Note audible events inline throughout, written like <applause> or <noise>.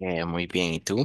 Muy bien, ¿y tú?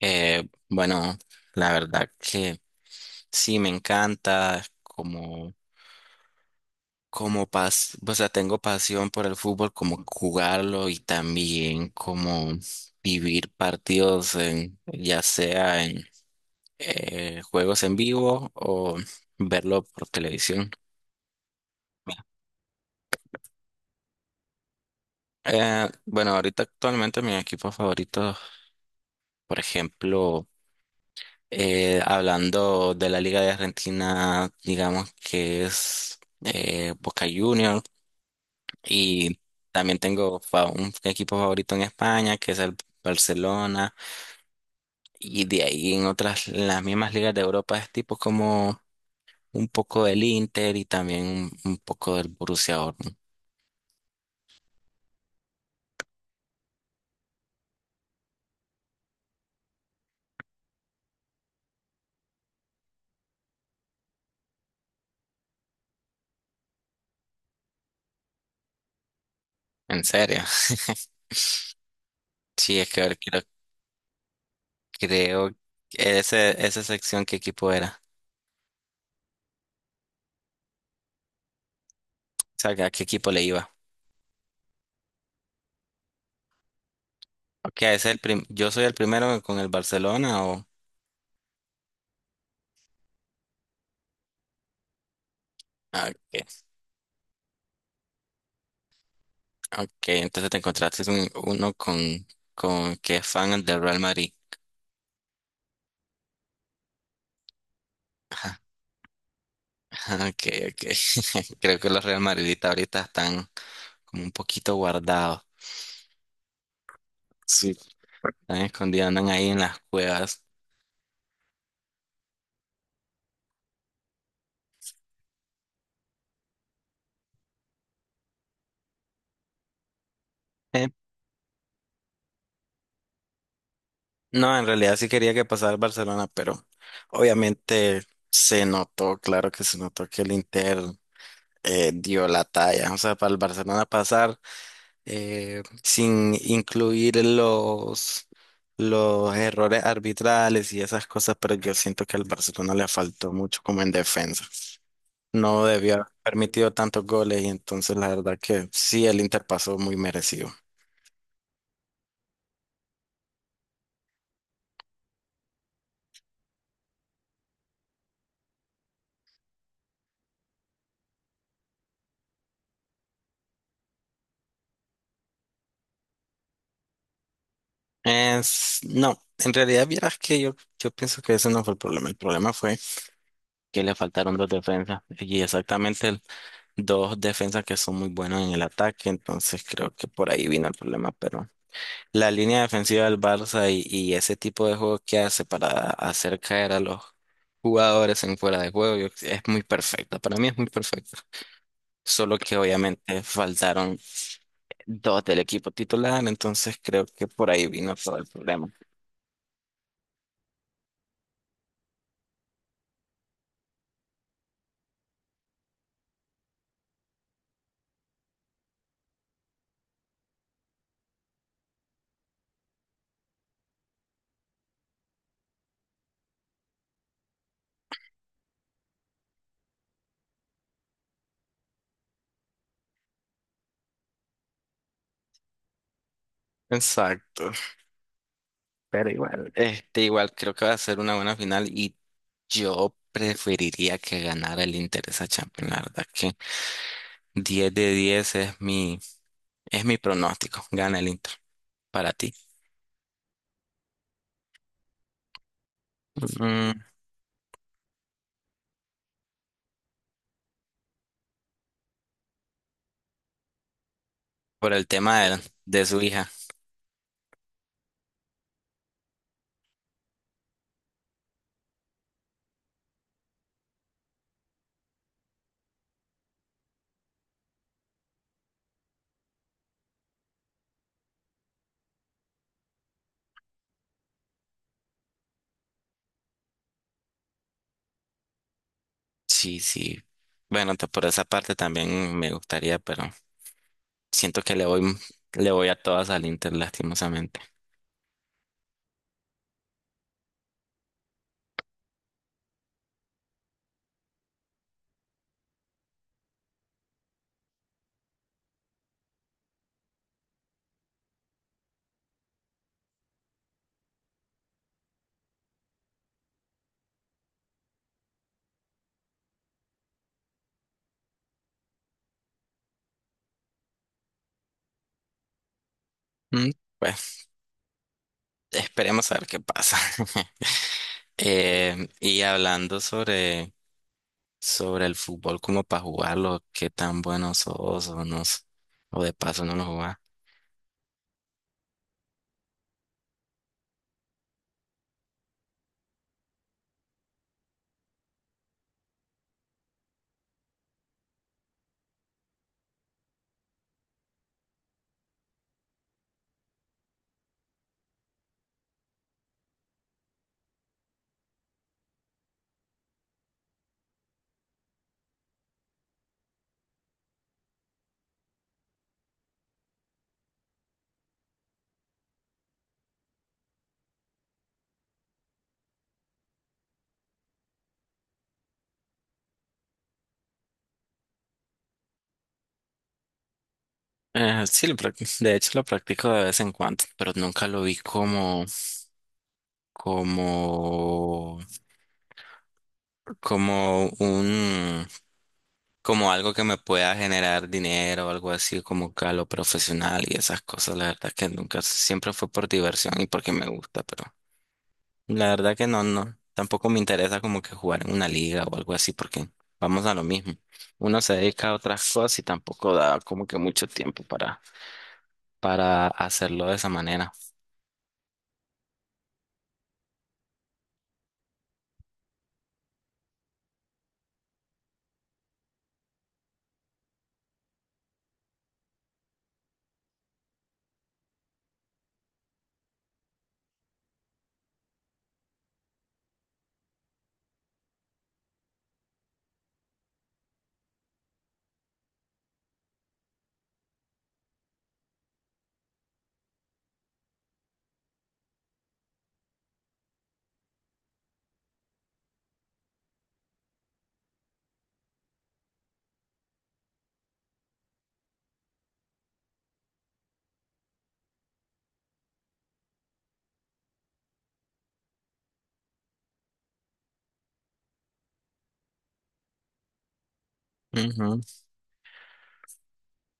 Bueno, la verdad que sí, me encanta o sea, tengo pasión por el fútbol, como jugarlo y también como vivir partidos ya sea en juegos en vivo o verlo por televisión. Bueno, ahorita actualmente mi equipo favorito, por ejemplo, hablando de la Liga de Argentina, digamos que es Boca Juniors, y también tengo un equipo favorito en España que es el Barcelona, y de ahí en en las mismas ligas de Europa es tipo como un poco del Inter, y también un poco del Borussia Dortmund. ¿En serio? <laughs> Sí, es que creo que esa sección qué equipo era, o sea, a qué equipo le iba. Ok, es el yo soy el primero con el Barcelona. Ah, okay, okay, entonces te encontraste uno con que es fan del Real Madrid. <laughs> Ajá, ajá, okay, okay. <laughs> Creo que los Real Madridistas ahorita están como un poquito guardados. Sí. Están escondidos, andan ahí en las cuevas. Eh, no, en realidad sí quería que pasara el Barcelona, pero obviamente se notó, claro que se notó que el Inter dio la talla. O sea, para el Barcelona pasar, sin incluir los errores arbitrales y esas cosas, pero yo siento que al Barcelona le faltó mucho como en defensa. No debió haber permitido tantos goles, y entonces la verdad que sí, el Inter pasó muy merecido. No, en realidad vieras que yo pienso que ese no fue el problema. El problema fue que le faltaron dos defensas, y exactamente dos defensas que son muy buenos en el ataque, entonces creo que por ahí vino el problema, pero la línea defensiva del Barça y ese tipo de juego que hace para hacer caer a los jugadores en fuera de juego, es muy perfecta. Para mí es muy perfecta. Solo que obviamente faltaron dos del equipo titular, entonces creo que por ahí vino todo el problema. Exacto. Pero igual, este, igual creo que va a ser una buena final, y yo preferiría que ganara el Inter esa Champions, la verdad que 10 de 10 es mi pronóstico, gana el Inter. Para ti. Mm, por el tema de su hija. Sí, sí. Bueno, por esa parte también me gustaría, pero siento que le voy a todas al Inter, lastimosamente. Mm, pues esperemos a ver qué pasa. <laughs> Y hablando sobre el fútbol, como para jugarlo, qué tan bueno sos o no, o de paso no lo jugás. Sí, lo de hecho lo practico de vez en cuando, pero nunca lo vi como como como algo que me pueda generar dinero, algo así como que a lo profesional y esas cosas, la verdad que nunca, siempre fue por diversión y porque me gusta, pero la verdad que no, no, tampoco me interesa como que jugar en una liga o algo así porque vamos a lo mismo. Uno se dedica a otras cosas y tampoco da como que mucho tiempo para hacerlo de esa manera.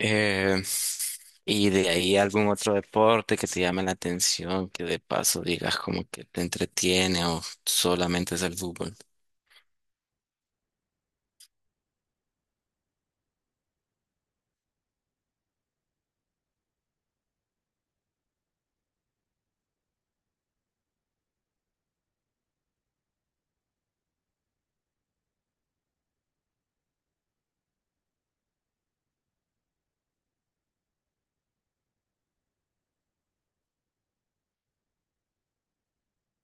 Eh, y de ahí algún otro deporte que te llame la atención, que de paso digas como que te entretiene, o solamente es el fútbol.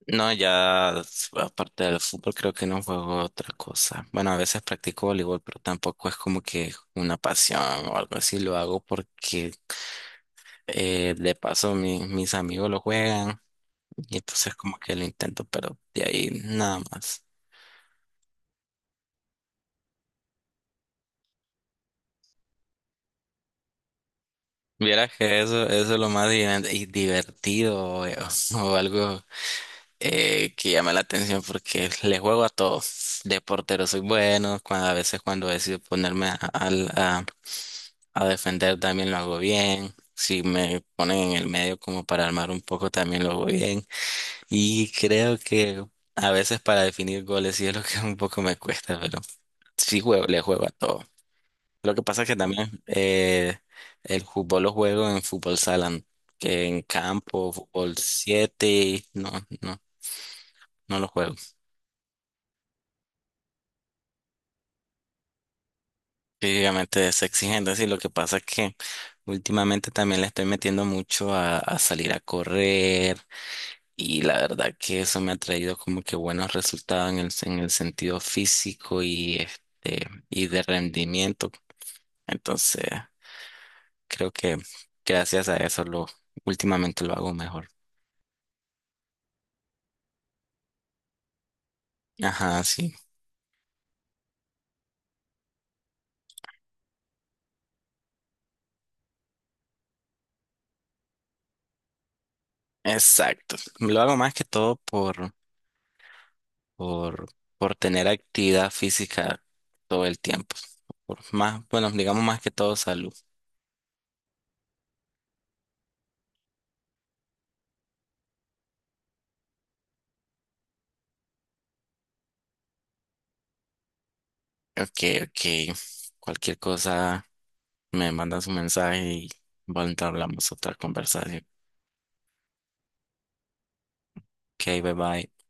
No, ya aparte del fútbol creo que no juego otra cosa. Bueno, a veces practico voleibol, pero tampoco es como que una pasión o algo así. Lo hago porque de paso mis amigos lo juegan, y entonces como que lo intento, pero de ahí nada más. Vieras que eso es lo más y divertido, o algo que llama la atención porque le juego a todo. De portero soy bueno, cuando, a veces cuando decido ponerme a defender también lo hago bien. Si me ponen en el medio como para armar un poco también lo hago bien. Y creo que a veces para definir goles sí es lo que <laughs> un poco me cuesta, pero le juego a todo. Lo que pasa es que también el fútbol lo juego en fútbol salón, que en campo, fútbol 7, y no, no, no lo juego. Físicamente es exigente, sí, lo que pasa es que últimamente también le estoy metiendo mucho a salir a correr, y la verdad que eso me ha traído como que buenos resultados en en el sentido físico y, este, y de rendimiento. Entonces, creo que gracias a eso últimamente lo hago mejor. Ajá, sí. Exacto. Lo hago más que todo por, por tener actividad física todo el tiempo. Por más, bueno, digamos más que todo salud. Ok, ok. Cualquier cosa, me mandas un mensaje y bueno, hablamos otra conversación. Ok, bye bye.